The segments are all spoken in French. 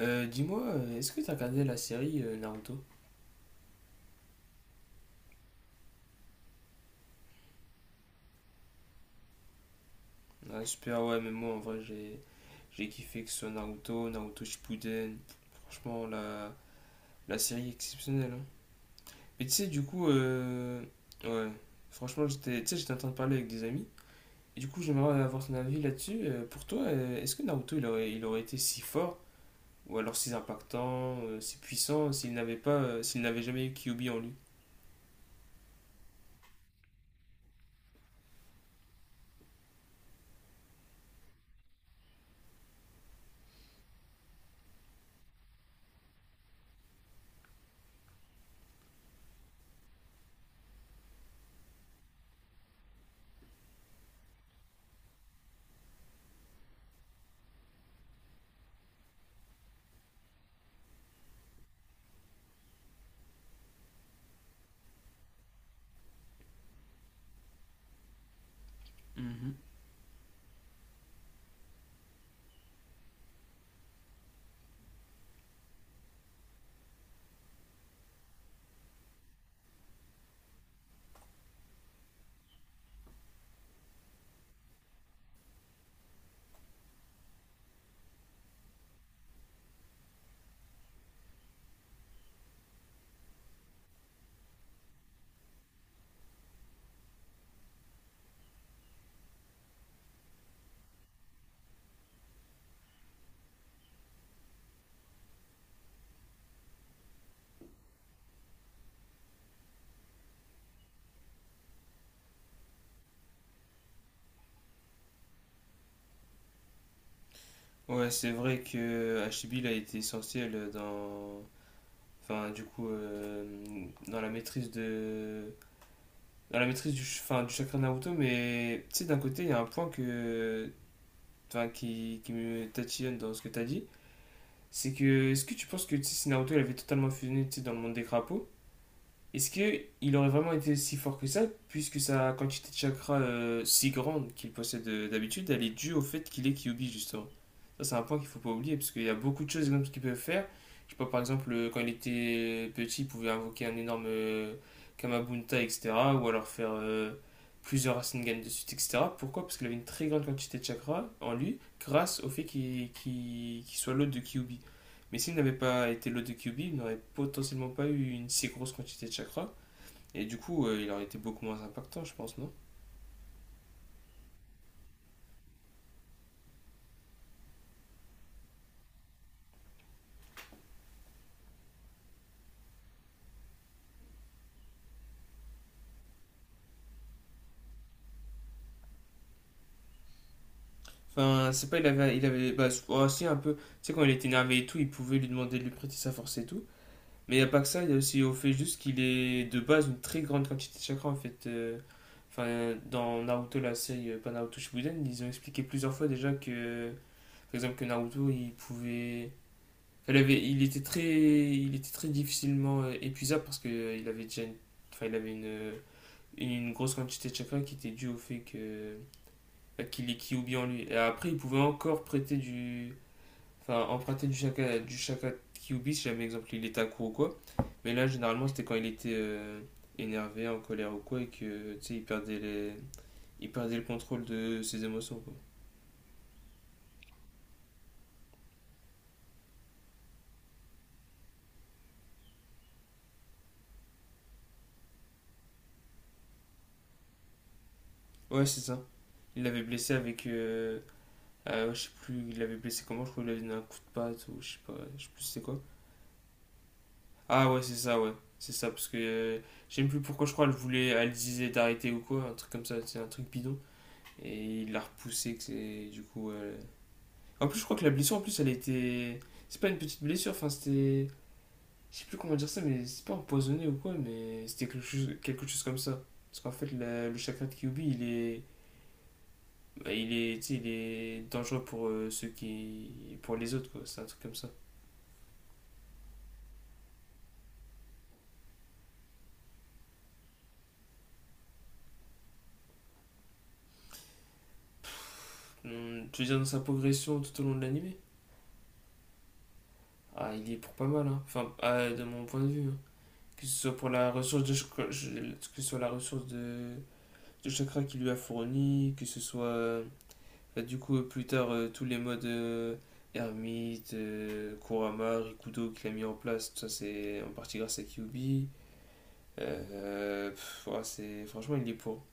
Dis-moi, est-ce que t'as regardé la série Naruto? Ah, super, ouais, mais moi en vrai j'ai kiffé que ce soit Naruto, Naruto Shippuden. Franchement, la série est exceptionnelle, hein. Mais tu sais, du coup, ouais, franchement, j'étais tu sais, j'étais en train de parler avec des amis. Et du coup, j'aimerais avoir ton avis là-dessus. Pour toi, est-ce que Naruto il aurait été si fort, ou alors si impactant, si puissant, s'il n'avait jamais eu Kyuubi en lui? Mhm. Ouais, c'est vrai que Hachibi il a été essentiel enfin du coup dans la maîtrise de dans la maîtrise du enfin, du chakra Naruto, mais tu sais d'un côté il y a un point que enfin qui me tatillonne dans ce que tu as dit. C'est que est-ce que tu penses que tu sais, si Naruto il avait totalement fusionné tu sais, dans le monde des crapauds, est-ce que il aurait vraiment été si fort que ça, puisque sa quantité de chakras si grande qu'il possède d'habitude, elle est due au fait qu'il est Kyuubi justement. Ça c'est un point qu'il ne faut pas oublier, parce qu'il y a beaucoup de choses énormes qu'il peut faire. Je sais pas, par exemple, quand il était petit, il pouvait invoquer un énorme Kamabunta, etc. Ou alors faire plusieurs Rasengan de suite, etc. Pourquoi? Parce qu'il avait une très grande quantité de chakras en lui, grâce au fait qu'il soit l'hôte de Kyuubi. Mais s'il n'avait pas été l'eau de QB, il n'aurait potentiellement pas eu une si grosse quantité de chakra. Et du coup, il aurait été beaucoup moins impactant, je pense, non? Enfin, c'est pas, il avait. Il avait bah, oh, si, un peu. Tu sais, quand il était énervé et tout, il pouvait lui demander de lui prêter sa force et tout. Mais il n'y a pas que ça, il y a aussi au fait juste qu'il est de base une très grande quantité de chakra, en fait. Enfin, dans Naruto, la série, pas Naruto Shippuden, ils ont expliqué plusieurs fois déjà que. Par exemple, que Naruto, il pouvait. Elle avait, il était très difficilement épuisable parce que il avait enfin, il avait une grosse quantité de chakra qui était due au fait que bah, qu'il est Kyuubi en lui. Et après, il pouvait encore enfin, emprunter du chakra de Kyuubi si jamais, exemple, il était à court ou quoi. Mais là, généralement, c'était quand il était énervé, en colère ou quoi, et que, tu sais, il perdait le contrôle de ses émotions, quoi. Ouais, c'est ça. Il l'avait blessé avec, je sais plus, il l'avait blessé comment, je crois qu'il avait donné un coup de patte ou je sais pas, je sais plus c'est quoi. Ah ouais, c'est ça, parce que je sais même plus pourquoi, je crois elle voulait, elle disait d'arrêter ou quoi, un truc comme ça, c'est un truc bidon. Et il l'a repoussé, que c'est du coup. En plus, je crois que la blessure, en plus, elle était. C'est pas une petite blessure, enfin c'était. Je sais plus comment dire ça, mais c'est pas empoisonné ou quoi, mais c'était quelque chose comme ça. Parce qu'en fait, le chakra de Kyuubi, bah, il est, tu sais, il est dangereux pour ceux qui, pour les autres, quoi. C'est un truc comme ça. Hmm, tu veux dire dans sa progression tout au long de l'animé? Ah, il y est pour pas mal, hein. Enfin, ah, de mon point de vue, hein. Que ce soit la ressource de chakra qu'il lui a fourni, que ce soit bah, du coup plus tard tous les modes ermite, Kurama, Rikudo qu'il a mis en place, tout ça c'est en partie grâce à Kyubi. Pff, ouais, c'est franchement il y est pour.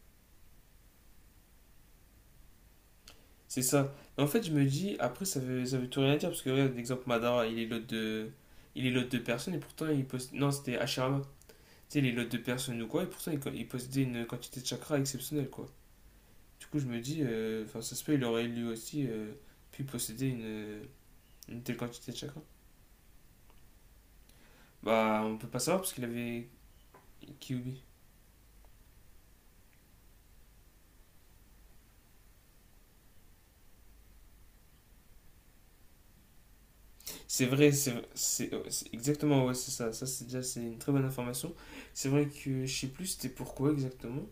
C'est ça. Et en fait, je me dis, après, ça veut tout rien dire, parce que regarde, l'exemple Madara, il est l'autre de... Il est l'autre de personnes et pourtant, il possède... Non, c'était Hashirama. Tu sais, il est l'autre de personnes ou quoi, et pourtant, il possédait une quantité de chakras exceptionnelle, quoi. Du coup, je me dis, enfin, ça se peut, il aurait lui aussi pu posséder une telle quantité de chakras. Bah, on peut pas savoir, parce qu'il avait Kyuubi. C'est vrai, ouais, c'est exactement, ouais, c'est ça. Ça, c'est déjà, c'est une très bonne information. C'est vrai que, je sais plus, c'était pourquoi exactement.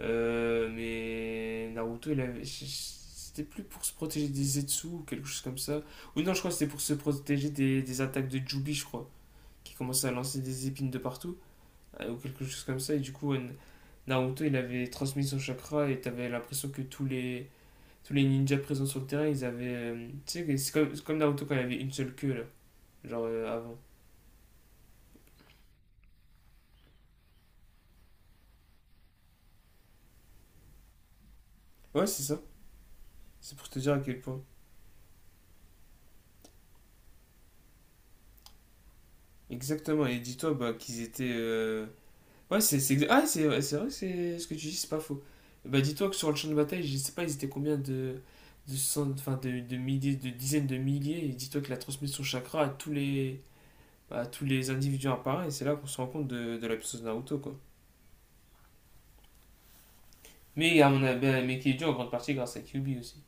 Mais Naruto, c'était plus pour se protéger des Zetsu ou quelque chose comme ça. Ou non, je crois que c'était pour se protéger des attaques de Jubi, je crois, qui commençait à lancer des épines de partout, ou quelque chose comme ça. Et du coup, Naruto, il avait transmis son chakra et t'avais l'impression que tous les ninjas présents sur le terrain, ils avaient. Tu sais, c'est comme Naruto quand il avait une seule queue, là, genre avant. Ouais, c'est ça. C'est pour te dire à quel point. Exactement. Et dis-toi bah, qu'ils étaient. Ouais, c'est exa- ah, c'est ouais, c'est vrai que c'est ce que tu dis, c'est pas faux. Bah, dis-toi que sur le champ de bataille, je sais pas, ils étaient combien enfin, de milliers, de dizaines de milliers, et dis-toi qu'il a transmis son chakra à bah, à tous les individus apparaît, et c'est là qu'on se rend compte de la puissance de Naruto, quoi. Mais, à mon avis, bah, mais qui est dû en grande partie grâce à Kyuubi aussi.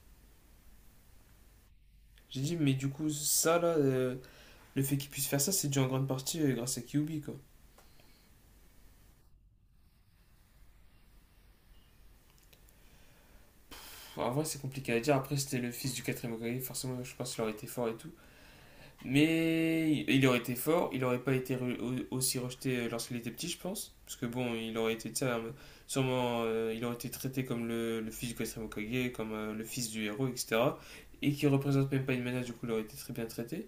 J'ai dit, mais du coup, ça là, le fait qu'il puisse faire ça, c'est dû en grande partie grâce à Kyuubi, quoi. Pff, en vrai, c'est compliqué à dire. Après, c'était le fils du quatrième Hokage, forcément, je pense qu'il aurait été fort et tout. Mais il aurait été fort, il n'aurait pas été aussi rejeté lorsqu'il était petit, je pense. Parce que bon, il aurait été, tu sais, il aurait été traité comme le fils du quatrième Hokage, comme le fils du héros, etc. Et qui représente même pas une menace, du coup, il aurait été très bien traité.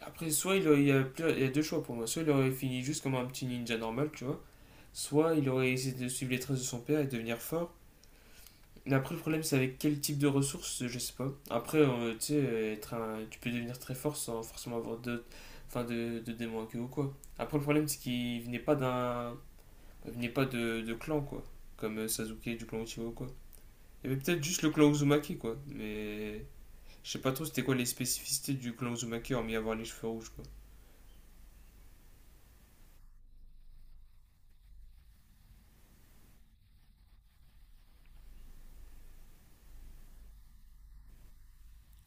Après, soit il, aurait- il y a, plus- il y a deux choix pour moi. Soit il aurait fini juste comme un petit ninja normal, tu vois. Soit il aurait essayé de suivre les traces de son père et devenir fort. Mais après, le problème, c'est avec quel type de ressources, je sais pas. Après, tu sais, tu peux devenir très fort sans forcément avoir enfin, de démons à queue ou quoi. Après, le problème, c'est qu'il venait pas d'un, il venait pas de, de clan, quoi. Comme Sasuke du clan Uchiwa ou quoi. Il y avait peut-être juste le clan Uzumaki, quoi. Mais je sais pas trop c'était quoi les spécificités du clan Uzumaki, hormis avoir les cheveux rouges, quoi.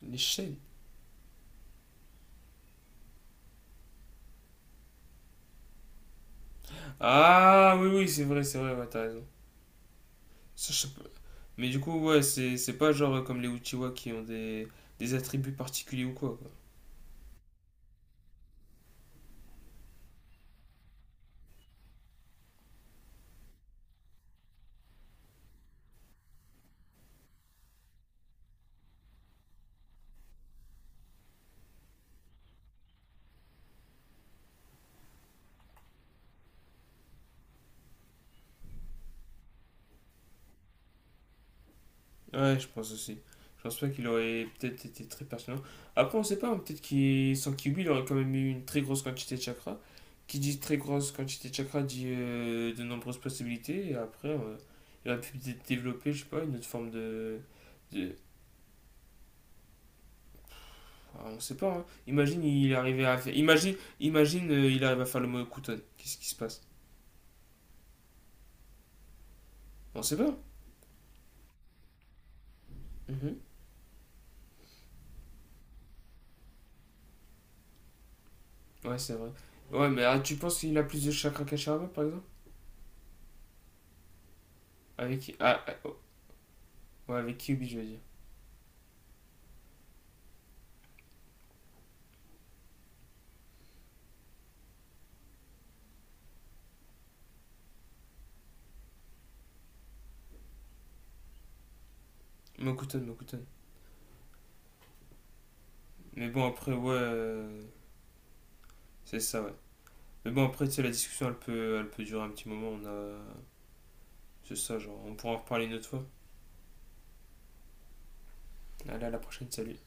Les chaînes. Ah, oui, oui, c'est vrai, ouais, t'as raison. Ça, je sais pas. Mais du coup, ouais, c'est pas genre comme les Uchiwa qui ont des attributs particuliers ou quoi, quoi. Ouais, je pense aussi. Je pense pas qu'il aurait peut-être été très pertinent. Après, on sait pas, hein, peut-être qu'il sans Kyuubi, il aurait quand même eu une très grosse quantité de chakras. Qui dit très grosse quantité de chakras dit de nombreuses possibilités. Et après, il aurait pu peut-être développer, je sais pas, une autre forme de. De... Enfin, on sait pas, hein. Imagine, il arrivait à faire. Imagine, imagine il arrive à faire le mot Kuton. Qu'est-ce qui se passe? On sait pas. Mhm. Ouais, c'est vrai. Ouais, mais ah, tu penses qu'il a plus de chakras qu'Hashirama, par exemple? Avec. Ah, ah, oh, ouais, avec Kyuubi, je veux dire. Mokuton, Mokuton. Mais bon, après, ouais, c'est ça, ouais. Mais bon, après, tu sais, la discussion, elle peut durer un petit moment. On a... C'est ça, genre, on pourra en reparler une autre fois. Allez, à la prochaine, salut.